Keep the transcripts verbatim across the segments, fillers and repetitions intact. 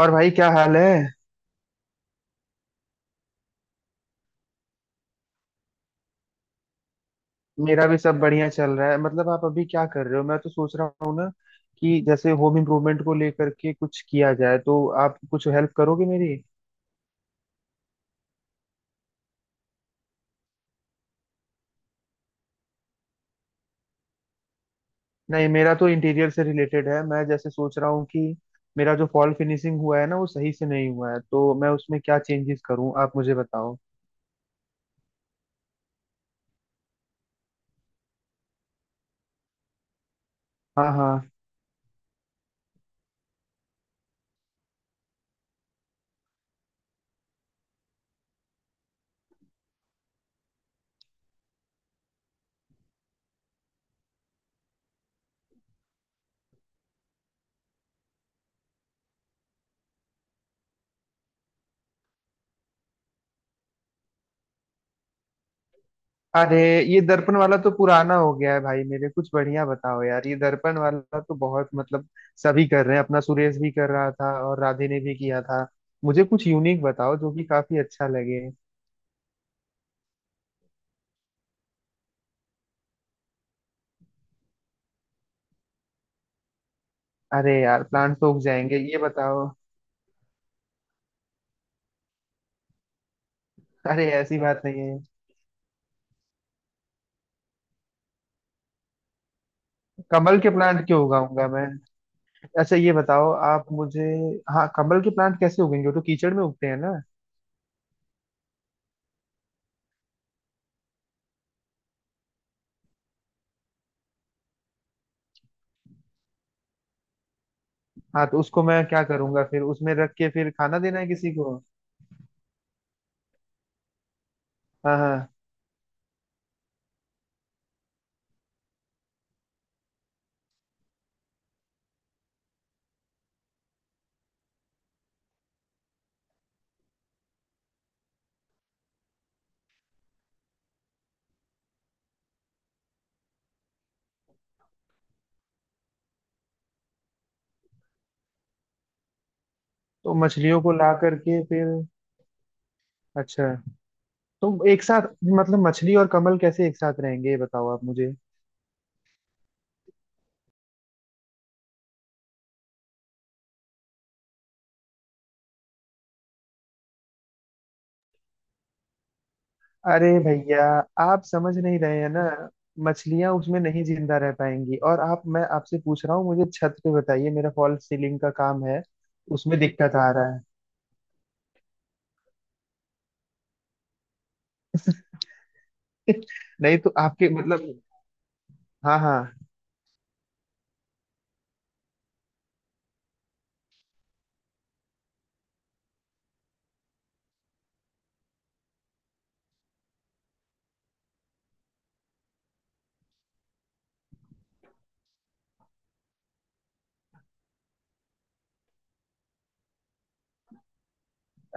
और भाई क्या हाल है। मेरा भी सब बढ़िया चल रहा है। मतलब आप अभी क्या कर रहे हो? मैं तो सोच रहा हूँ ना कि जैसे होम इम्प्रूवमेंट को लेकर के कुछ किया जाए तो आप कुछ हेल्प करोगे मेरी। नहीं, मेरा तो इंटीरियर से रिलेटेड है। मैं जैसे सोच रहा हूँ कि मेरा जो फॉल फिनिशिंग हुआ है ना वो सही से नहीं हुआ है, तो मैं उसमें क्या चेंजेस करूँ आप मुझे बताओ। हाँ हाँ। अरे, ये दर्पण वाला तो पुराना हो गया है भाई मेरे, कुछ बढ़िया बताओ यार। ये दर्पण वाला तो बहुत, मतलब सभी कर रहे हैं, अपना सुरेश भी कर रहा था और राधे ने भी किया था। मुझे कुछ यूनिक बताओ जो कि काफी अच्छा लगे। अरे यार, प्लांट तो उग जाएंगे, ये बताओ। अरे ऐसी बात नहीं है। कमल के प्लांट क्यों उगाऊंगा मैं? अच्छा, ये बताओ आप मुझे। हाँ, कमल के प्लांट कैसे उगेंगे? वो तो कीचड़ में उगते हैं ना। हाँ तो उसको मैं क्या करूंगा, फिर उसमें रख के फिर खाना देना है किसी को? हाँ हाँ। तो मछलियों को ला करके फिर? अच्छा। तो एक साथ, मतलब मछली और कमल कैसे एक साथ रहेंगे ये बताओ आप मुझे। अरे भैया, आप समझ नहीं रहे हैं ना। मछलियां उसमें नहीं जिंदा रह पाएंगी। और आप, मैं आपसे पूछ रहा हूँ, मुझे छत पे बताइए, मेरा फॉल्स सीलिंग का काम है, उसमें दिक्कत आ रहा है। नहीं तो आपके, मतलब। हाँ हाँ।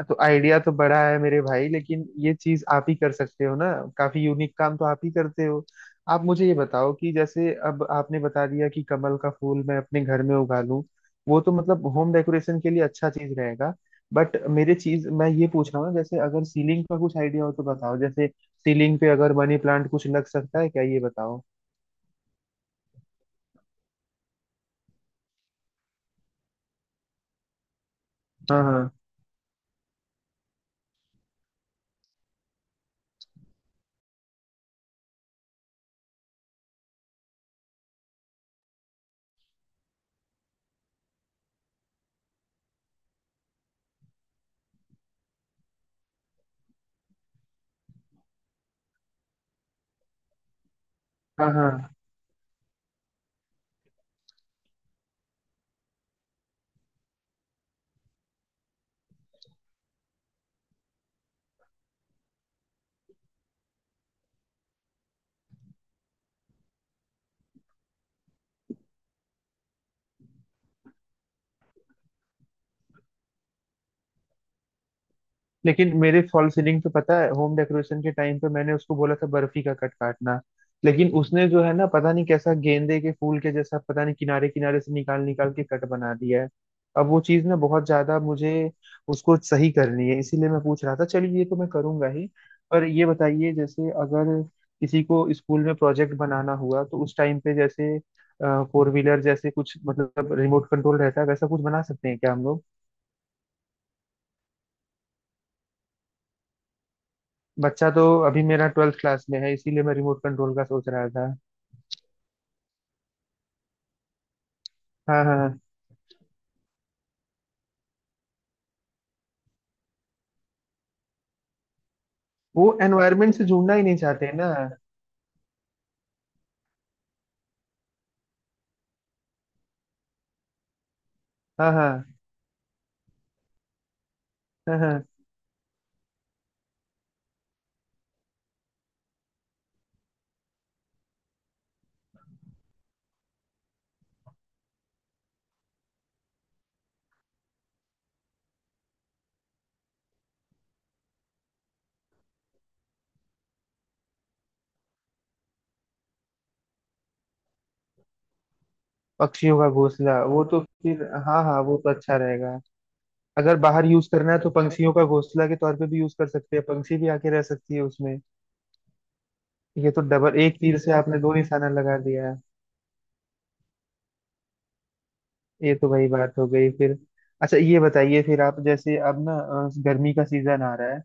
तो आइडिया तो बड़ा है मेरे भाई, लेकिन ये चीज आप ही कर सकते हो ना, काफी यूनिक काम तो आप ही करते हो। आप मुझे ये बताओ कि जैसे अब आपने बता दिया कि कमल का फूल मैं अपने घर में उगा लूं, वो तो मतलब होम डेकोरेशन के लिए अच्छा चीज रहेगा। बट मेरे चीज मैं ये पूछ रहा हूँ, जैसे अगर सीलिंग का कुछ आइडिया हो तो बताओ। जैसे सीलिंग पे अगर मनी प्लांट कुछ लग सकता है क्या, ये बताओ। हाँ हाँ। हाँ हाँ। लेकिन मेरे फॉल सीलिंग पे, पता है, होम डेकोरेशन के टाइम पे मैंने उसको बोला था बर्फी का कट काटना, लेकिन उसने जो है ना पता नहीं कैसा गेंदे के फूल के जैसा, पता नहीं किनारे किनारे से निकाल निकाल के कट बना दिया है। अब वो चीज ना बहुत ज्यादा मुझे, उसको सही करनी है, इसीलिए मैं पूछ रहा था। चलिए, ये तो मैं करूंगा ही। पर ये बताइए, जैसे अगर किसी को स्कूल में प्रोजेक्ट बनाना हुआ तो उस टाइम पे, जैसे फोर व्हीलर जैसे कुछ, मतलब रिमोट कंट्रोल रहता है, वैसा कुछ बना सकते हैं क्या हम लोग? बच्चा तो अभी मेरा ट्वेल्थ क्लास में है, इसीलिए मैं रिमोट कंट्रोल का सोच रहा था। हाँ हाँ हाँ। वो एनवायरनमेंट से जुड़ना ही नहीं चाहते ना। हाँ हाँ। हाँ हाँ। पक्षियों का घोंसला, वो तो फिर हाँ हाँ, वो तो अच्छा रहेगा। अगर बाहर यूज करना है तो पंछियों का घोंसला के तौर पे भी यूज कर सकते हैं, पंछी भी आके रह सकती है उसमें। ये तो डबल, एक तीर से आपने दो निशाना लगा दिया। ये तो वही बात हो गई फिर। अच्छा ये बताइए फिर आप, जैसे अब ना अ, गर्मी का सीजन आ रहा है,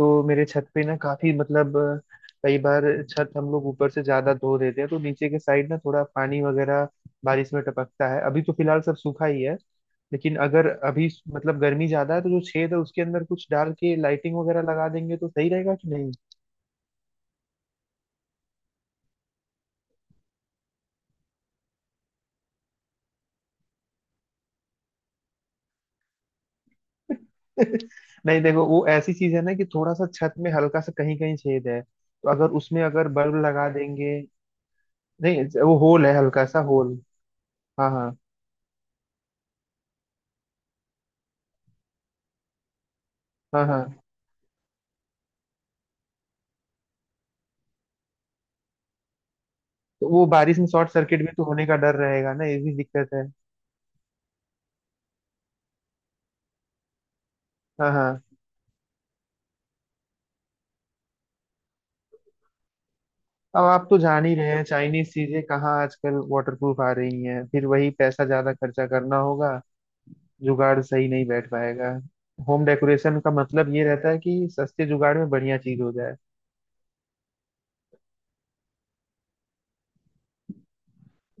तो मेरे छत पे ना काफी, मतलब अ, कई बार छत हम लोग ऊपर से ज्यादा धो देते हैं तो नीचे के साइड ना थोड़ा पानी वगैरह बारिश में टपकता है। अभी तो फिलहाल सब सूखा ही है, लेकिन अगर अभी मतलब गर्मी ज्यादा है तो जो छेद है उसके अंदर कुछ डाल के लाइटिंग वगैरह लगा देंगे तो सही रहेगा कि नहीं? नहीं देखो, वो ऐसी चीज है ना कि थोड़ा सा छत में हल्का सा कहीं कहीं छेद है, तो अगर उसमें अगर बल्ब लगा देंगे। नहीं, वो होल है, हल्का सा होल। हाँ हाँ। हाँ हाँ। तो वो बारिश में शॉर्ट सर्किट भी तो होने का डर रहेगा ना, ये भी दिक्कत है। हाँ हाँ। अब आप तो जान ही रहे हैं चाइनीज चीजें कहाँ आजकल वाटरप्रूफ आ रही हैं, फिर वही पैसा ज्यादा खर्चा करना होगा, जुगाड़ सही नहीं बैठ पाएगा। होम डेकोरेशन का मतलब ये रहता है कि सस्ते जुगाड़ में बढ़िया चीज हो जाए।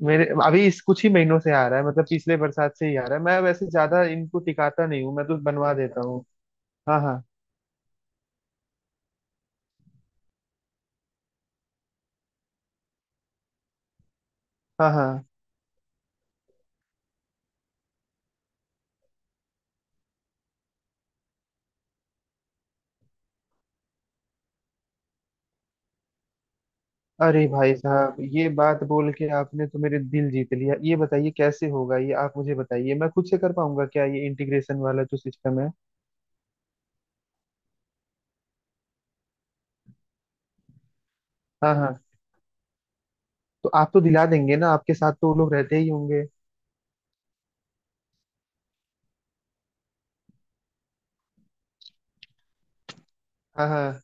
मेरे अभी इस कुछ ही महीनों से आ रहा है, मतलब पिछले बरसात से ही आ रहा है। मैं वैसे ज्यादा इनको टिकाता नहीं हूँ, मैं तो बनवा देता हूँ। हाँ हाँ। हाँ हाँ। अरे भाई साहब, ये बात बोल के आपने तो मेरे दिल जीत लिया। ये बताइए कैसे होगा ये, आप मुझे बताइए, मैं खुद से कर पाऊंगा क्या ये इंटीग्रेशन वाला जो सिस्टम है? हाँ हाँ। तो आप तो दिला देंगे ना, आपके साथ तो वो लोग रहते ही होंगे। हाँ हाँ।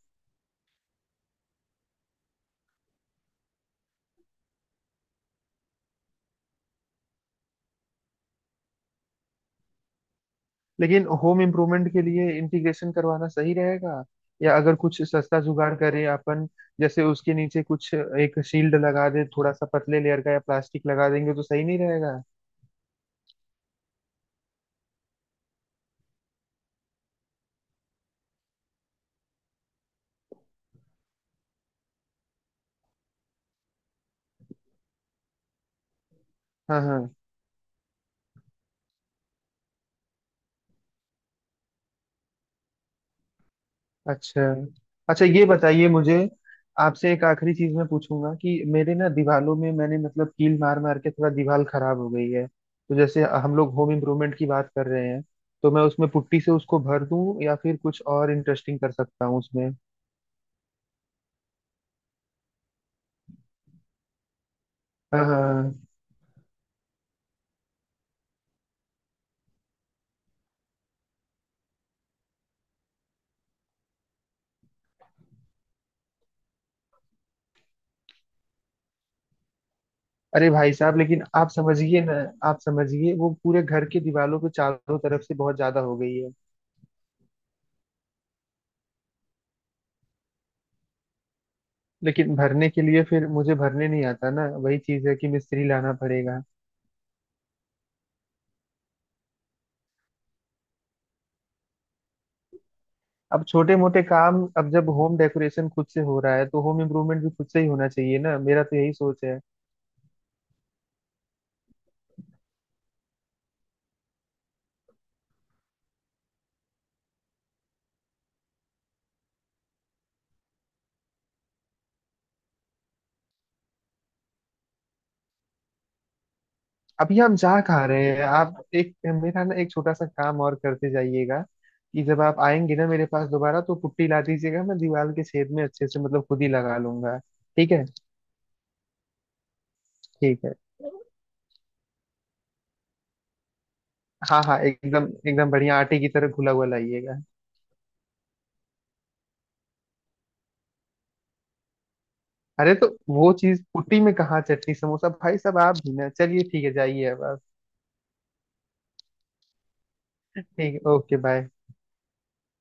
लेकिन होम इम्प्रूवमेंट के लिए इंटीग्रेशन करवाना सही रहेगा, या अगर कुछ सस्ता जुगाड़ करें अपन, जैसे उसके नीचे कुछ एक शील्ड लगा दे, थोड़ा सा पतले लेयर का या प्लास्टिक लगा देंगे तो सही नहीं रहेगा? हाँ हाँ। अच्छा। अच्छा ये बताइए मुझे, आपसे एक आखिरी चीज मैं पूछूंगा, कि मेरे ना दीवालों में मैंने, मतलब कील मार मार के थोड़ा दीवार खराब हो गई है, तो जैसे हम लोग होम इम्प्रूवमेंट की बात कर रहे हैं, तो मैं उसमें पुट्टी से उसको भर दूं या फिर कुछ और इंटरेस्टिंग कर सकता हूँ उसमें? हाँ हाँ, हाँ। अरे भाई साहब, लेकिन आप समझिए ना, आप समझिए, वो पूरे घर की दीवारों पे चारों तरफ से बहुत ज्यादा हो गई है। लेकिन भरने के लिए, फिर मुझे भरने नहीं आता ना, वही चीज है कि मिस्त्री लाना पड़ेगा। अब छोटे मोटे काम, अब जब होम डेकोरेशन खुद से हो रहा है तो होम इम्प्रूवमेंट भी खुद से ही होना चाहिए ना, मेरा तो यही सोच है। अभी हम जा कहाँ रहे हैं, आप एक, मेरा ना एक छोटा सा काम और करते जाइएगा, कि जब आप आएंगे ना मेरे पास दोबारा तो पुट्टी ला दीजिएगा, मैं दीवार के छेद में अच्छे से, मतलब खुद ही लगा लूंगा। ठीक है। ठीक है। हाँ हाँ, एकदम एकदम बढ़िया आटे की तरह घुला हुआ लाइएगा। अरे, तो वो चीज पुट्टी में कहाँ चटनी समोसा, भाई साहब आप भी ना। चलिए ठीक है, जाइए अब आप। ठीक है, ओके बाय।